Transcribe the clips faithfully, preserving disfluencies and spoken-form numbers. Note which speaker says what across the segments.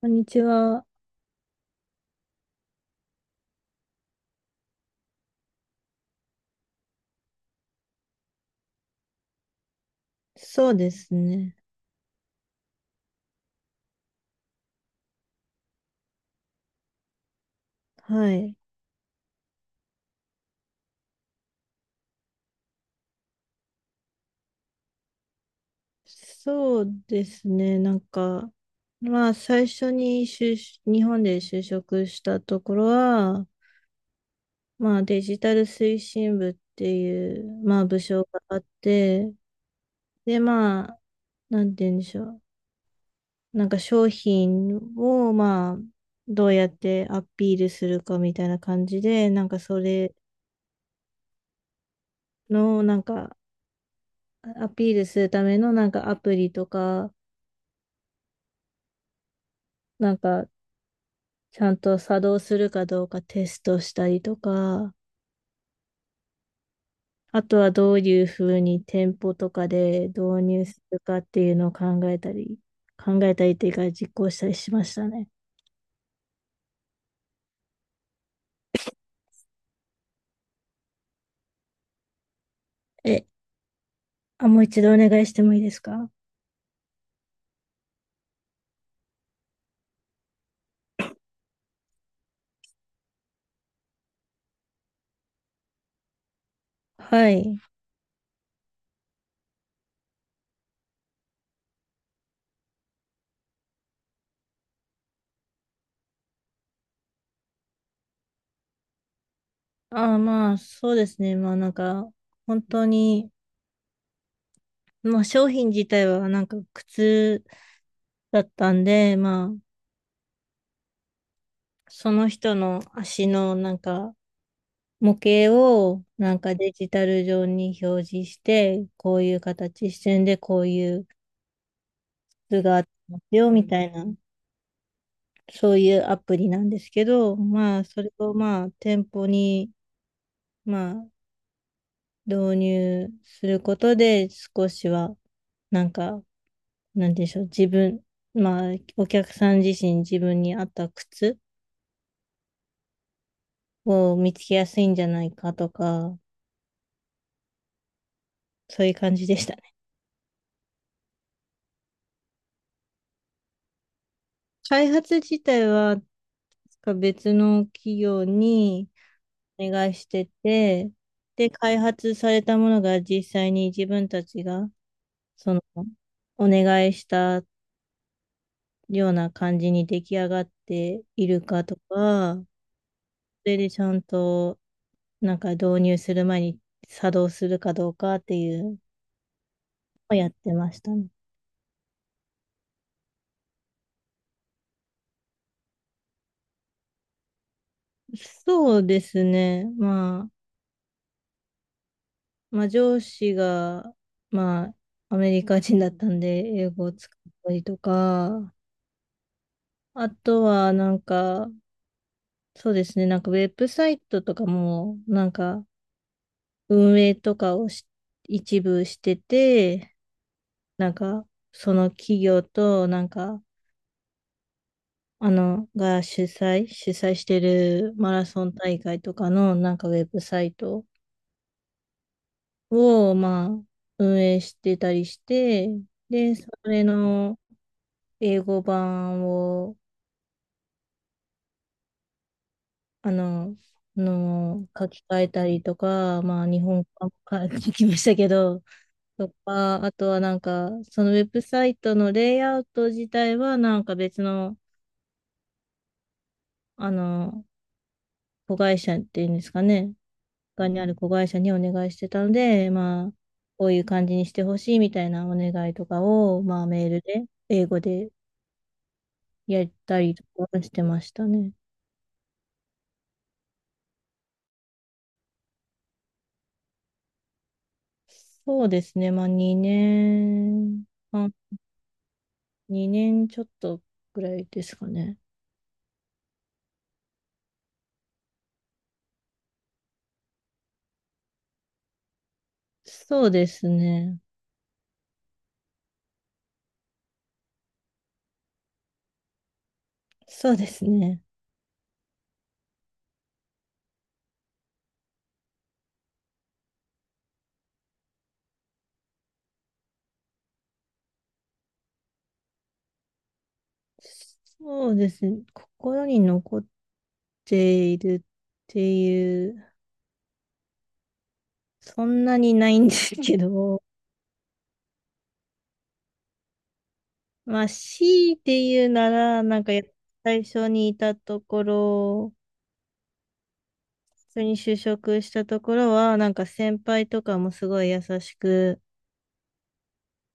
Speaker 1: こんにちは。そうですね。はい。そうですね。なんか、まあ、最初に就日本で就職したところは、まあ、デジタル推進部っていう、まあ、部署があって、で、まあ、なんて言うんでしょう。なんか商品を、まあ、どうやってアピールするかみたいな感じで、なんかそれの、なんか、アピールするための、なんかアプリとか、なんか、ちゃんと作動するかどうかテストしたりとか、あとはどういうふうに店舗とかで導入するかっていうのを考えたり、考えたりっていうか実行したりしましたね。え、あ、もう一度お願いしてもいいですか？はい。あ、まあ、そうですね。まあなんか、本当に、まあ商品自体はなんか靴だったんで、まあ、その人の足のなんか、模型をなんかデジタル上に表示して、こういう形、視線でこういう図があってますよ、みたいな、そういうアプリなんですけど、まあ、それをまあ、店舗に、まあ、導入することで、少しは、なんか、なんでしょう、自分、まあ、お客さん自身、自分に合った靴を見つけやすいんじゃないかとか、そういう感じでした。開発自体は、確か別の企業にお願いしてて、で、開発されたものが実際に自分たちが、その、お願いしたような感じに出来上がっているかとか、それでちゃんと、なんか導入する前に作動するかどうかっていうのをやってましたね。そうですね。まあまあ、上司が、まあ、アメリカ人だったんで、英語を使ったりとか、あとは、なんか、そうですね、なんか、ウェブサイトとかも、なんか、運営とかをし一部してて、なんか、その企業と、なんか、あの、が主催、主催してるマラソン大会とかの、なんか、ウェブサイトを、まあ、運営してたりして、で、それの、英語版を、あの、の書き換えたりとか、まあ、日本語版も 書きましたけど、とか、あとはなんか、そのウェブサイトのレイアウト自体は、なんか別の、あの、子会社っていうんですかね、他にある子会社にお願いしてたので、まあ、こういう感じにしてほしいみたいなお願いとかを、まあ、メールで、英語でやったりとかしてましたね。そうですね、まあ、にねん。にねんちょっとぐらいですかね。そうですね。そうですね。そうですね。心に残っているっていう、そんなにないんですけど、まあ、強いて言うなら、なんかや最初にいたところ、普通に就職したところは、なんか先輩とかもすごい優しく、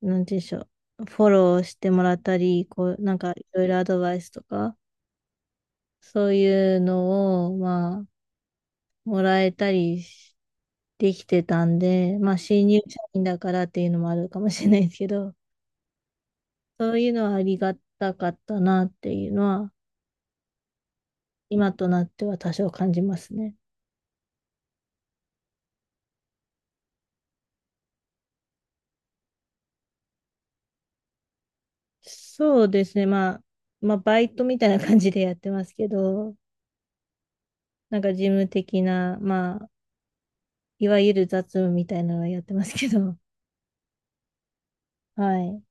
Speaker 1: なんて言うんでしょう、フォローしてもらったり、こう、なんかいろいろアドバイスとか、そういうのを、まあ、もらえたりしできてたんで、まあ、新入社員だからっていうのもあるかもしれないですけど、そういうのはありがたかったなっていうのは、今となっては多少感じますね。そうですね、まあ、まあ、バイトみたいな感じでやってますけど、なんか事務的な、まあ、いわゆる雑務みたいなのはやってますけど、はい。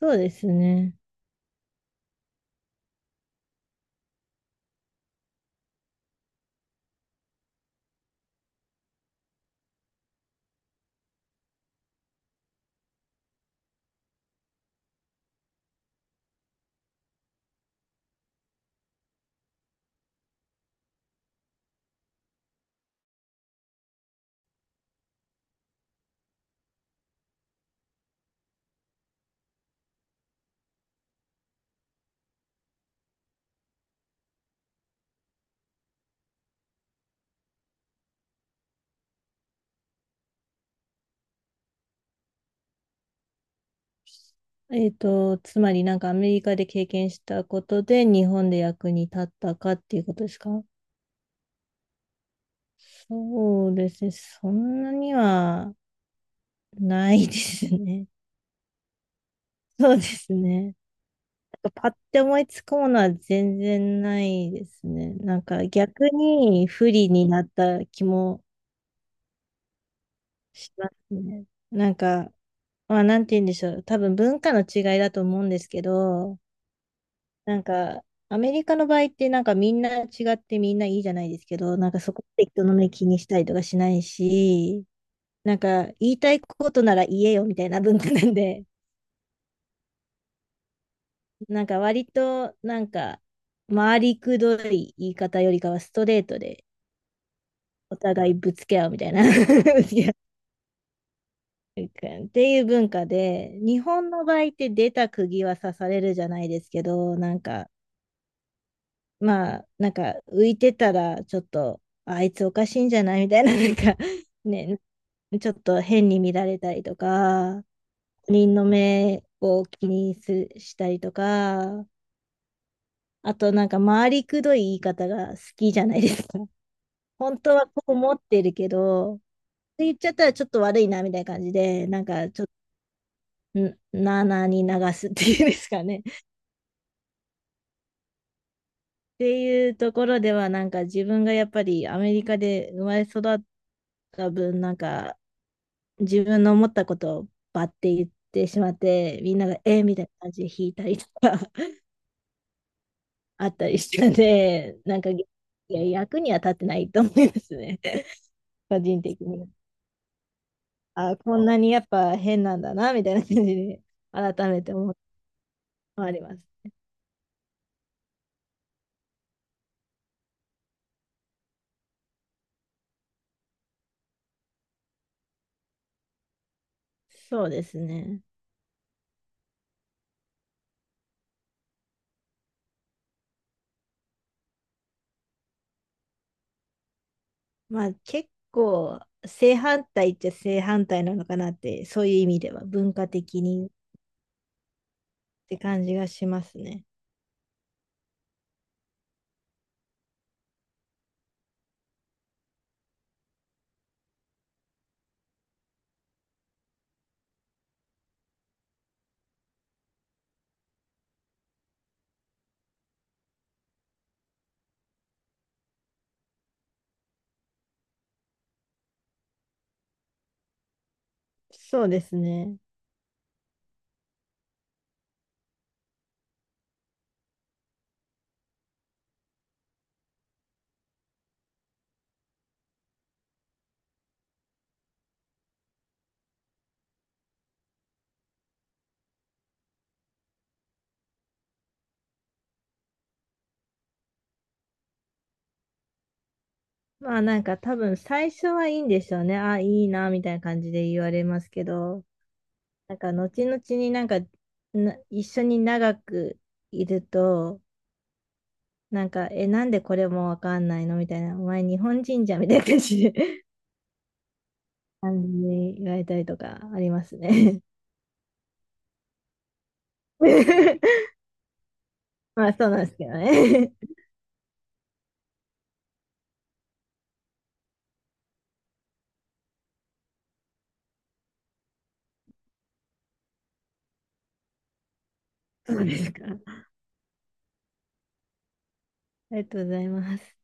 Speaker 1: そうですね。えっと、つまりなんかアメリカで経験したことで日本で役に立ったかっていうことですか？そうですね。そんなにはないですね。そうですね。なんかパッて思いつくものは全然ないですね。なんか逆に不利になった気もしますね。なんか、まあなんて言うんでしょう。多分文化の違いだと思うんですけど、なんか、アメリカの場合ってなんかみんな違ってみんないいじゃないですけど、なんかそこって人の目気にしたりとかしないし、なんか言いたいことなら言えよみたいな文化なんで、なんか割となんか回りくどい言い方よりかはストレートでお互いぶつけ合うみたいな ぶつけ合うっていう文化で、日本の場合って出た釘は刺されるじゃないですけど、なんかまあ、なんか浮いてたら、ちょっと、あいつおかしいんじゃないみたいな、なんか、ね、ちょっと変に見られたりとか、他人の目を気にすしたりとか、あとなんか回りくどい言い方が好きじゃないですか。本当はこう思ってるけど、って言っちゃったらちょっと悪いなみたいな感じで、なんかちょっと、んなあなあに流すっていうんですかね。っていうところでは、なんか自分がやっぱりアメリカで生まれ育った分、なんか自分の思ったことをバッて言ってしまって、みんながえーみたいな感じで引いたりとか あったりしたので、なんか、いや、役には立ってないと思いますね。個人的に。あ、こんなにやっぱ変なんだな、みたいな感じで、改めて思ってあります。そうですね。まあ結構、正反対っちゃ正反対なのかなって、そういう意味では文化的にって感じがしますね。そうですね。まあなんか多分最初はいいんでしょうね。あ、いいな、みたいな感じで言われますけど、なんか後々になんかな一緒に長くいると、なんか、え、なんでこれもわかんないのみたいな、お前日本人じゃんみたいな感じで 感じで言われたりとかありますね。まあそうなんですけどね。そうですか。ありがとうございます。